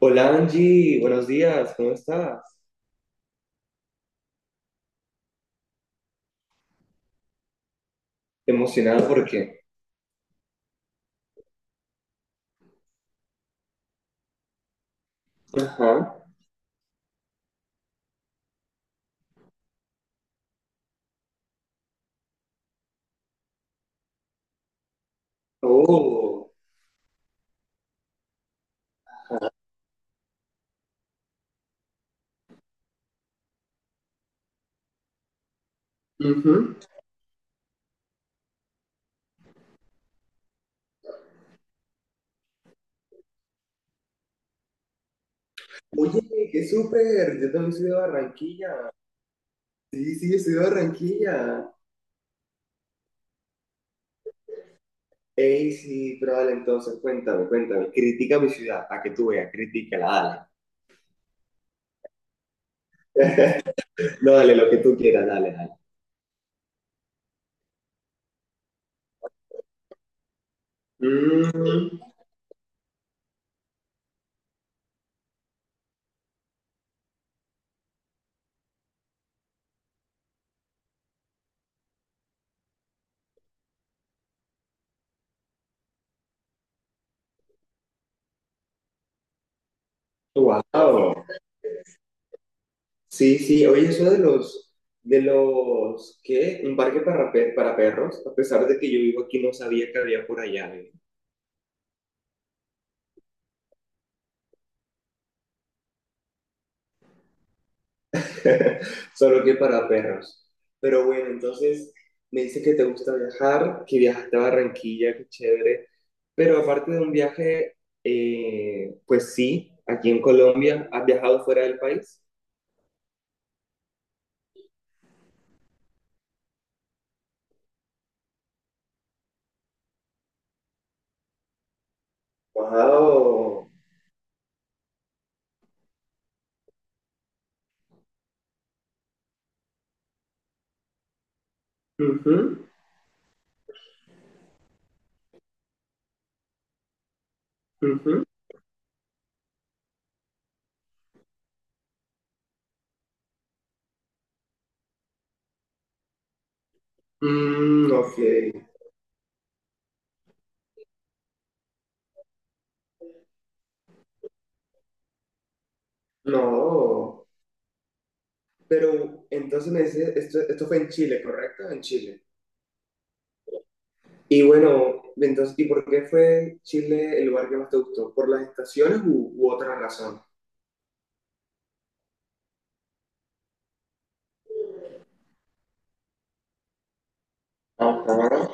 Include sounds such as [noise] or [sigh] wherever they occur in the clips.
Hola Angie, buenos días, ¿cómo estás? Emocionado porque. Ajá. Oh. Ujú. Oye, qué súper. Yo también soy de Barranquilla. Sí, sí, yo soy de Barranquilla. Ey, sí, pero dale, entonces, cuéntame, cuéntame. Critica mi ciudad, para que tú veas, critícala, dale. No, dale, lo que tú quieras, dale, dale. Mm, wow. Sí, sí, oye, eso de los. De los, ¿qué? Un parque para perros, a pesar de que yo vivo aquí, no sabía que había por allá. ¿Eh? [laughs] Solo que para perros. Pero bueno, entonces me dice que te gusta viajar, que viajaste a Barranquilla, qué chévere. Pero aparte de un viaje, pues sí, aquí en Colombia, ¿has viajado fuera del país? Wow. Ujú, ujú. Mm, ok, no. Pero entonces me dice, esto fue en Chile, ¿correcto? En Chile. Y bueno, entonces, ¿y por qué fue Chile el lugar que más te gustó? ¿Por las estaciones u otra razón? Ajá.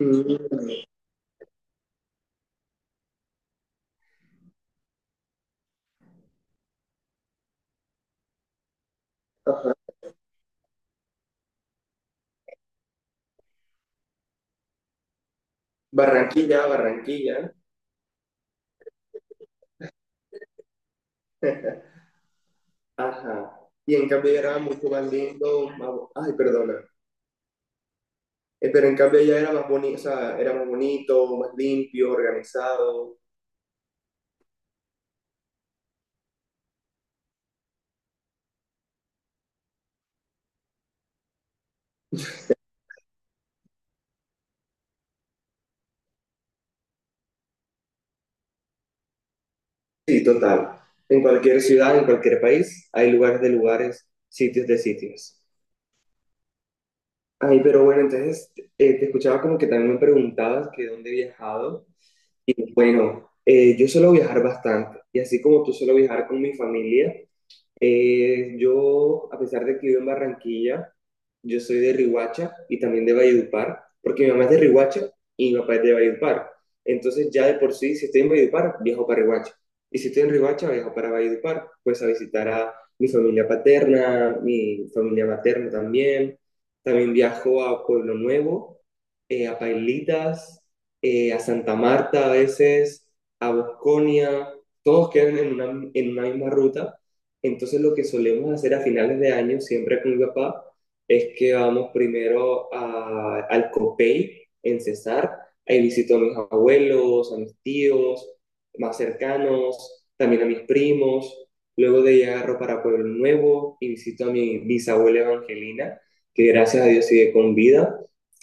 Mm, ajá. Barranquilla, Barranquilla. Ajá. Y en cambio ella era mucho más lindo, más ay, perdona. Pero en cambio ella era más bonito, o sea, era más bonito, más limpio, organizado. Sí, total. En cualquier ciudad, en cualquier país, hay lugares de lugares, sitios de sitios. Ay, pero bueno, entonces te escuchaba como que también me preguntabas que dónde he viajado. Bueno, yo suelo viajar bastante y así como tú suelo viajar con mi familia. Yo, a pesar de que vivo en Barranquilla, yo soy de Riohacha y también de Valledupar, porque mi mamá es de Riohacha y mi papá es de Valledupar. Entonces ya de por sí, si estoy en Valledupar, viajo para Riohacha. Y si estoy en Riohacha, viajo para Valledupar, pues a visitar a mi familia paterna, mi familia materna también. También viajo a Pueblo Nuevo, a Pailitas, a Santa Marta a veces, a Bosconia. Todos quedan en una misma ruta. Entonces lo que solemos hacer a finales de año, siempre con mi papá, es que vamos primero al Copey en Cesar. Ahí visito a mis abuelos, a mis tíos más cercanos, también a mis primos. Luego de ahí agarro para Pueblo Nuevo y visito a mi bisabuela Evangelina, que gracias a Dios sigue con vida.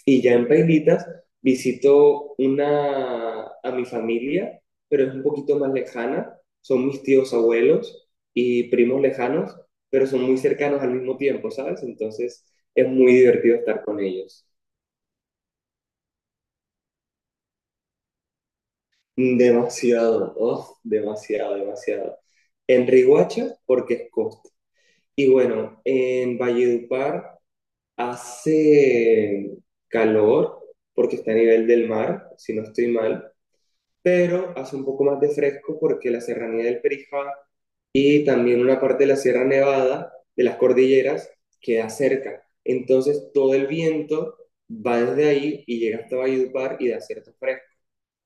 Y ya en Pailitas visito a mi familia, pero es un poquito más lejana. Son mis tíos abuelos y primos lejanos, pero son muy cercanos al mismo tiempo, ¿sabes? Entonces es muy divertido estar con ellos. Demasiado, oh, demasiado, demasiado. En Riguacha, porque es costa. Y bueno, en Valledupar hace calor, porque está a nivel del mar, si no estoy mal, pero hace un poco más de fresco porque la serranía del Perijá y también una parte de la Sierra Nevada, de las cordilleras, queda cerca. Entonces todo el viento va desde ahí y llega hasta Valledupar y da cierto fresco.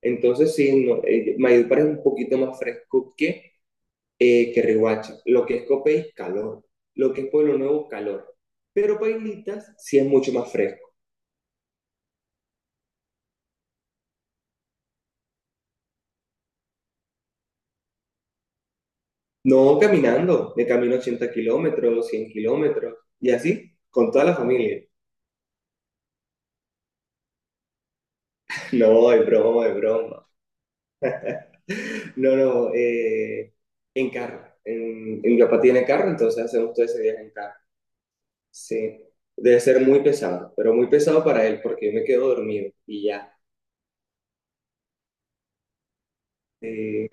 Entonces sí, no, Valledupar es un poquito más fresco que Riohacha. Lo que es Copey, calor. Lo que es Pueblo Nuevo, calor. Pero Pailitas sí es mucho más fresco. No caminando, de camino 80 kilómetros, 100 kilómetros y así, con toda la familia. [laughs] No, es broma, es broma. No, no, en carro. En mi papá tiene carro, entonces hacemos todo ese viaje en carro. Sí, debe ser muy pesado, pero muy pesado para él porque yo me quedo dormido y ya. Eh,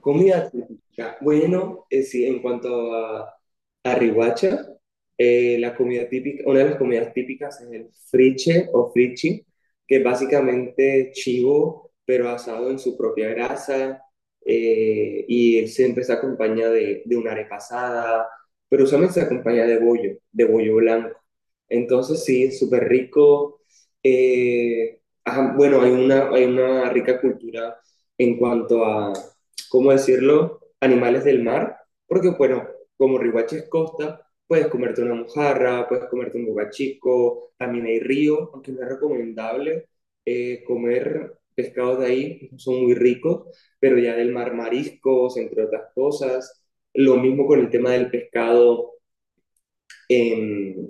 Comida típica. Bueno, sí, en cuanto a Riohacha, la comida típica, una de las comidas típicas es el friche o frichi, que es básicamente chivo, pero asado en su propia grasa, y siempre se acompaña de una arepa asada, pero usualmente se acompaña de bollo blanco. Entonces sí, es súper rico. Eh, ajá, bueno, hay una rica cultura en cuanto a, ¿cómo decirlo?, animales del mar, porque bueno, como Riohacha es costa, puedes comerte una mojarra, puedes comerte un bocachico, también hay río, aunque no es recomendable comer pescados de ahí, no son muy ricos, pero ya del mar mariscos, entre otras cosas. Lo mismo con el tema del pescado. ¿En,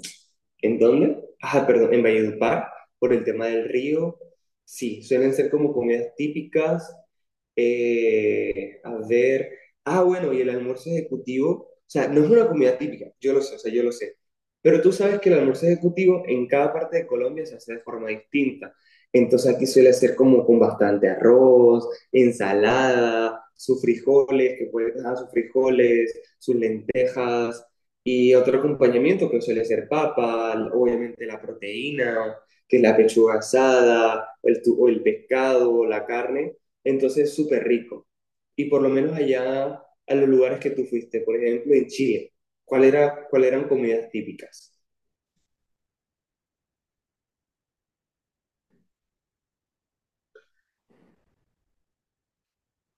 ¿En dónde? Ajá, perdón, en Valledupar, por el tema del río. Sí, suelen ser como comidas típicas. A ver, ah, bueno, y el almuerzo ejecutivo, o sea, no es una comida típica, yo lo sé, o sea, yo lo sé, pero tú sabes que el almuerzo ejecutivo en cada parte de Colombia se hace de forma distinta. Entonces aquí suele ser como con bastante arroz, ensalada, sus frijoles, que pueden dejar sus frijoles, sus lentejas, y otro acompañamiento que suele ser papa, obviamente la proteína, que es la pechuga asada, o el pescado, o la carne. Entonces, es súper rico. Y por lo menos allá a los lugares que tú fuiste, por ejemplo, en Chile, ¿cuál era, cuál eran comidas típicas?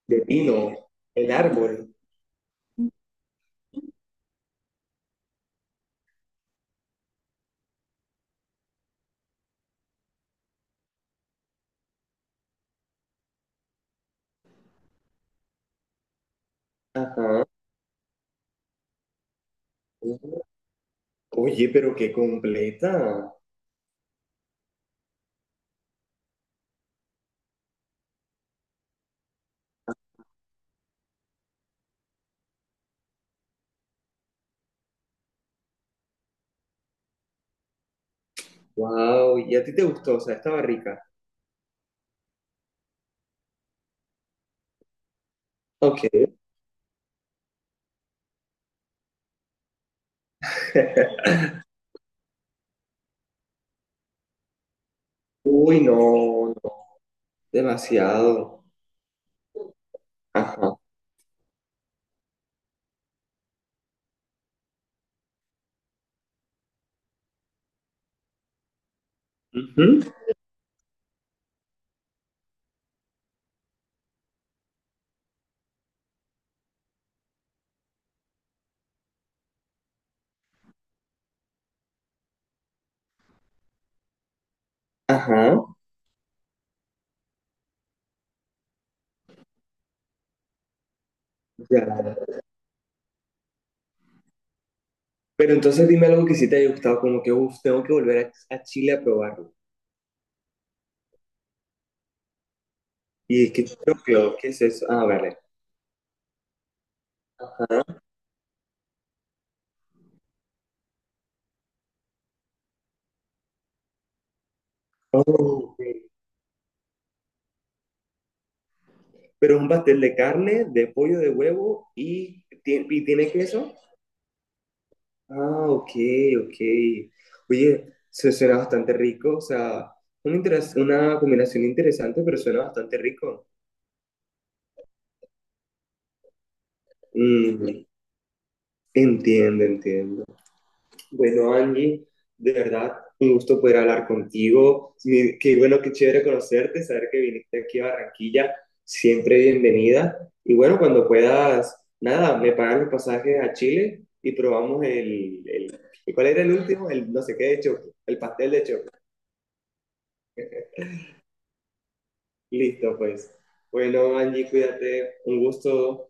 De pino, el árbol. Ajá. Oye, pero qué completa. Wow, ¿y a ti te gustó? O sea, estaba rica. Ok. [laughs] Uy, no, no, demasiado. Ajá, ujú. Ajá, ya. Pero entonces dime algo que sí te haya gustado, como que, uff, tengo que volver a Chile a probarlo. Y es que choclo, ¿qué es eso? Ah, vale. Ajá. Oh, ok. Pero es un pastel de carne, de pollo, de huevo y tiene queso. Ah, ok, ok. Oye, se suena bastante rico, o sea, una combinación interesante, pero suena bastante rico. Mm. Entiendo, entiendo. Bueno, Angie, de verdad, un gusto poder hablar contigo. Qué bueno, qué chévere conocerte, saber que viniste aquí a Barranquilla. Siempre bienvenida. Y bueno, cuando puedas, nada, me pagan los pasajes a Chile y probamos el. ¿Cuál era el último? El no sé qué de choco, el pastel de choco. Listo, pues. Bueno, Angie, cuídate. Un gusto.